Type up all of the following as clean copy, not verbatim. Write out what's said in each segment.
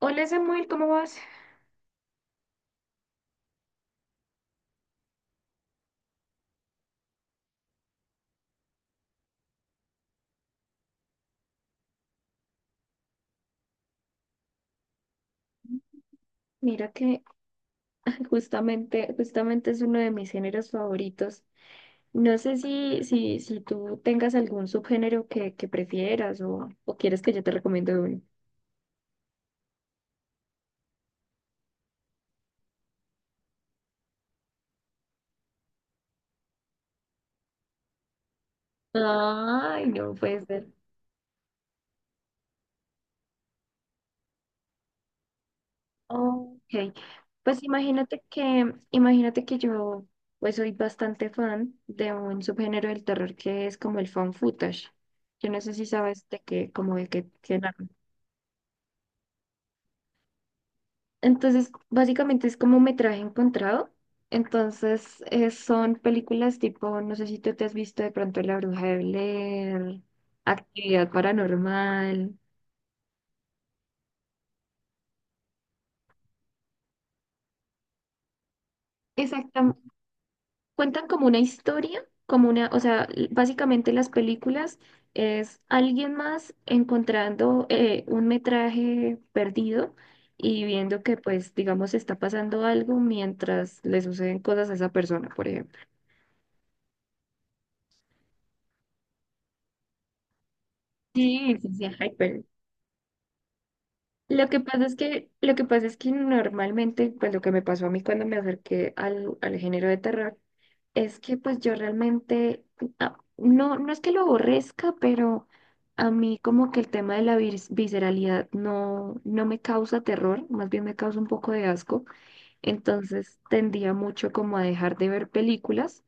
Hola Samuel, ¿cómo vas? Mira que justamente es uno de mis géneros favoritos. No sé si tú tengas algún subgénero que prefieras o quieres que yo te recomiende uno. Ay, no puede ser. Ok, pues imagínate que yo pues soy bastante fan de un subgénero del terror que es como el found footage. Yo no sé si sabes de qué, como de qué. Entonces, básicamente es como metraje encontrado. Entonces, son películas tipo, no sé si tú te has visto de pronto La Bruja de Blair, Actividad Paranormal. Exactamente. Cuentan como una historia, como una, o sea, l- básicamente las películas es alguien más encontrando un metraje perdido y viendo que, pues, digamos, está pasando algo mientras le suceden cosas a esa persona, por ejemplo. Sí, hyper. Lo que pasa es que normalmente, pues lo que me pasó a mí cuando me acerqué al género de terror, es que pues yo realmente, ah, no, no es que lo aborrezca, pero a mí como que el tema de la visceralidad no, no me causa terror, más bien me causa un poco de asco. Entonces tendía mucho como a dejar de ver películas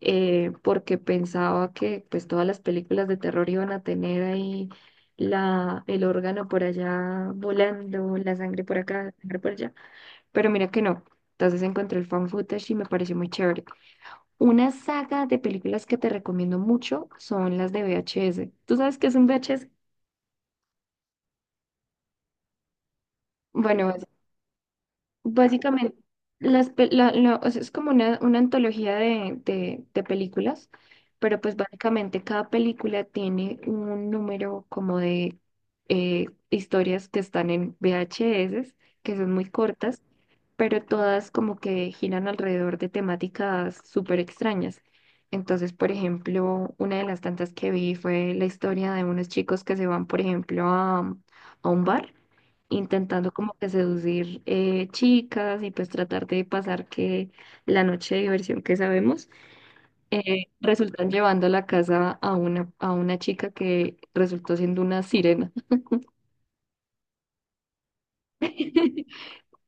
porque pensaba que pues todas las películas de terror iban a tener ahí la, el órgano por allá volando, la sangre por acá, la sangre por allá, pero mira que no. Entonces encontré el fan footage y me pareció muy chévere. Una saga de películas que te recomiendo mucho son las de VHS. ¿Tú sabes qué es un VHS? Bueno, básicamente, las, pe- la- la- o sea, es como una antología de películas, pero pues básicamente cada película tiene un número como de historias que están en VHS, que son muy cortas, pero todas como que giran alrededor de temáticas súper extrañas. Entonces, por ejemplo, una de las tantas que vi fue la historia de unos chicos que se van, por ejemplo, a un bar intentando como que seducir chicas y pues tratar de pasar que la noche de diversión que sabemos, resultan llevando a la casa a una chica que resultó siendo una sirena.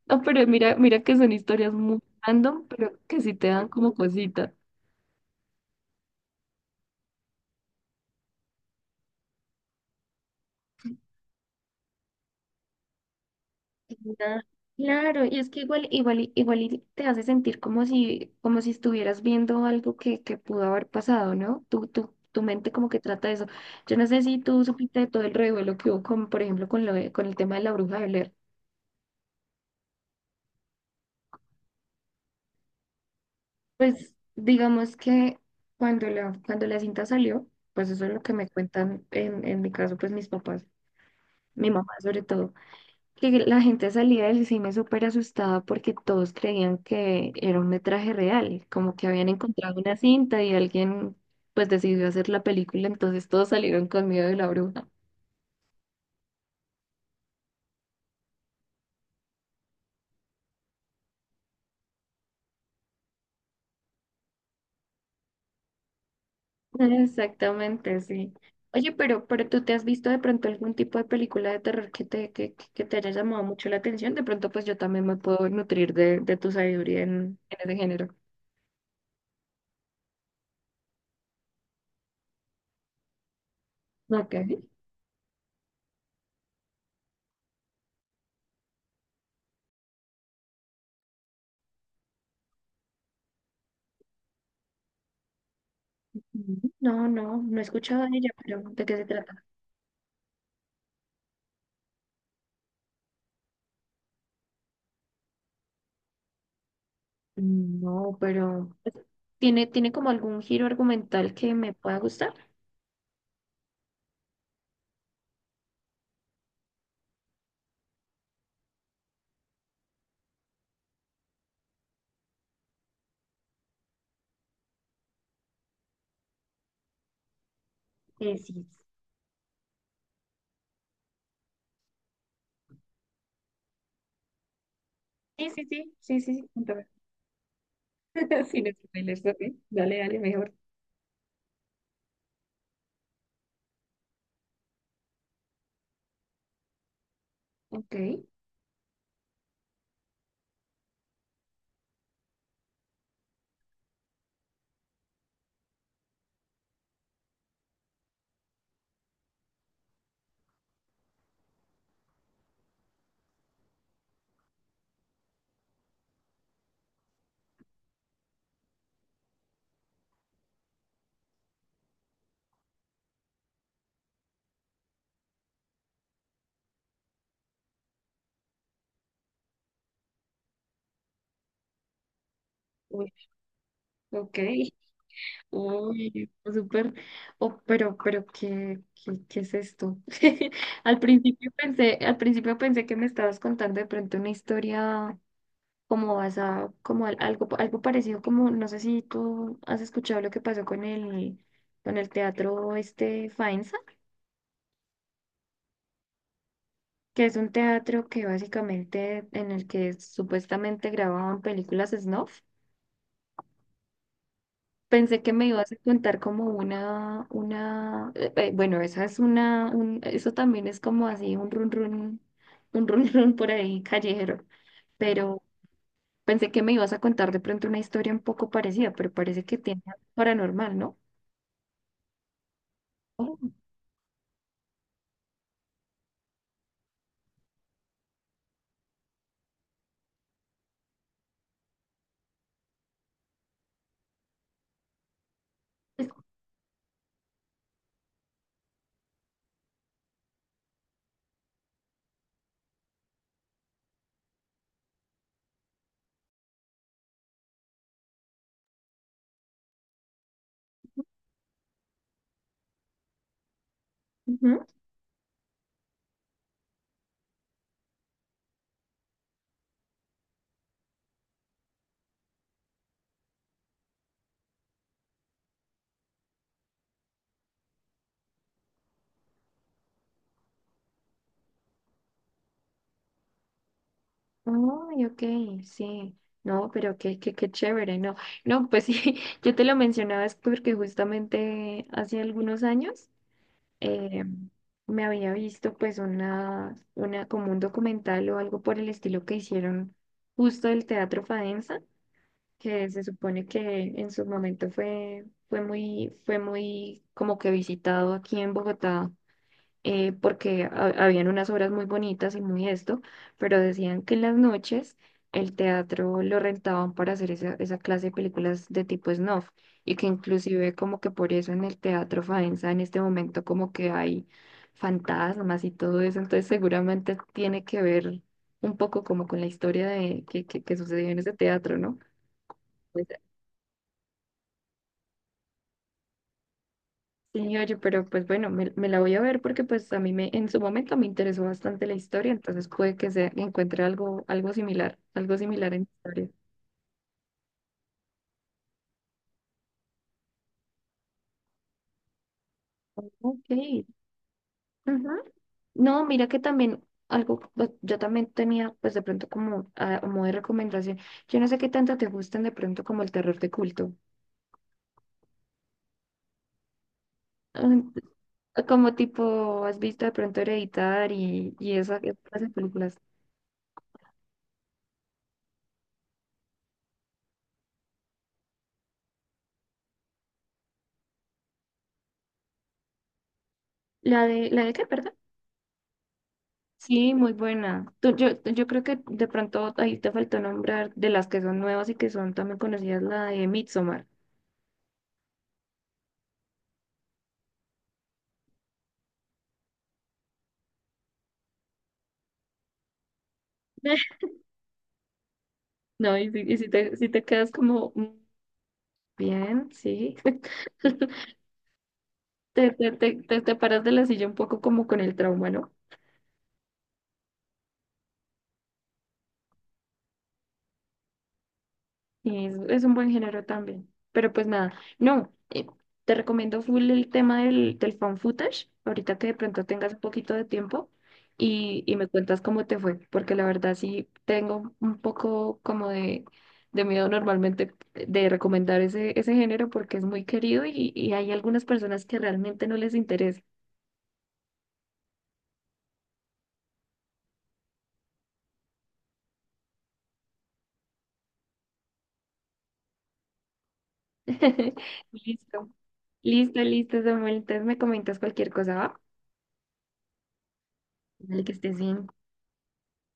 No, pero mira, mira que son historias muy random, pero que sí te dan como cosita. Ah, claro, y es que igual y te hace sentir como si estuvieras viendo algo que pudo haber pasado, ¿no? Tu mente como que trata de eso. Yo no sé si tú supiste de todo el revuelo que hubo con, por ejemplo, con lo de- con el tema de la bruja de Blair. Pues digamos que cuando la cinta salió, pues eso es lo que me cuentan en mi caso, pues mis papás, mi mamá sobre todo, que la gente salía del cine súper asustada porque todos creían que era un metraje real, como que habían encontrado una cinta y alguien pues decidió hacer la película, entonces todos salieron con miedo de la bruja. Exactamente, sí. Oye, pero ¿tú te has visto de pronto algún tipo de película de terror que te, que te haya llamado mucho la atención? De pronto pues yo también me puedo nutrir de tu sabiduría en ese género. Ok. No, no he escuchado de ella, pero ¿de qué se trata? No, pero ¿tiene, tiene como algún giro argumental que me pueda gustar? Sí. Sí, cuéntame. Sin spoilers, ok. Dale, dale, mejor. Ok. Uy, ok. Uy, pues súper. Oh, pero, ¿qué, qué, qué es esto? Al principio pensé que me estabas contando de pronto una historia, como basado, como al- algo, algo parecido, como no sé si tú has escuchado lo que pasó con el teatro este Faenza, que es un teatro que básicamente en el que supuestamente grababan películas snuff. Pensé que me ibas a contar como una, bueno, esa es una, un- eso también es como así un run run, un run run por ahí callejero, pero pensé que me ibas a contar de pronto una historia un poco parecida, pero parece que tiene algo paranormal, ¿no? Oh. Ujú. Ay, ok, sí. No, pero qué, qué, qué chévere, no. No, pues sí, yo te lo mencionaba es porque justamente hace algunos años eh, me había visto pues una, como un documental o algo por el estilo que hicieron justo del Teatro Fadensa, que se supone que en su momento fue, fue muy como que visitado aquí en Bogotá, porque habían unas obras muy bonitas y muy esto, pero decían que en las noches el teatro lo rentaban para hacer esa, esa clase de películas de tipo snuff, y que inclusive como que por eso en el teatro Faenza en este momento como que hay fantasmas y todo eso, entonces seguramente tiene que ver un poco como con la historia de que sucedió en ese teatro, ¿no? Sí, oye, pero pues bueno, me la voy a ver porque pues a mí me, en su momento me interesó bastante la historia, entonces puede que se encuentre algo, algo similar en historia. Ok. Ujú. No, mira que también algo, pues, yo también tenía pues de pronto como ah, a modo de recomendación, yo no sé qué tanto te gustan de pronto como el terror de culto. Ah, como tipo, has visto de pronto Hereditar y esa, esas películas. ¿La de qué, perdón? Sí, muy buena. Yo creo que de pronto ahí te faltó nombrar de las que son nuevas y que son también conocidas, la de Midsommar. No, y si te, si te quedas como "Mm, bien, sí", te paras de la silla un poco como con el trauma, ¿no? Sí, es un buen género también. Pero pues nada, no, te recomiendo full el tema del fan footage, ahorita que de pronto tengas un poquito de tiempo y me cuentas cómo te fue, porque la verdad sí tengo un poco como de miedo normalmente de recomendar ese, ese género porque es muy querido y hay algunas personas que realmente no les interesa. Listo, listo, listo, Samuel. Entonces me comentas cualquier cosa, ¿va? Dale que estés bien.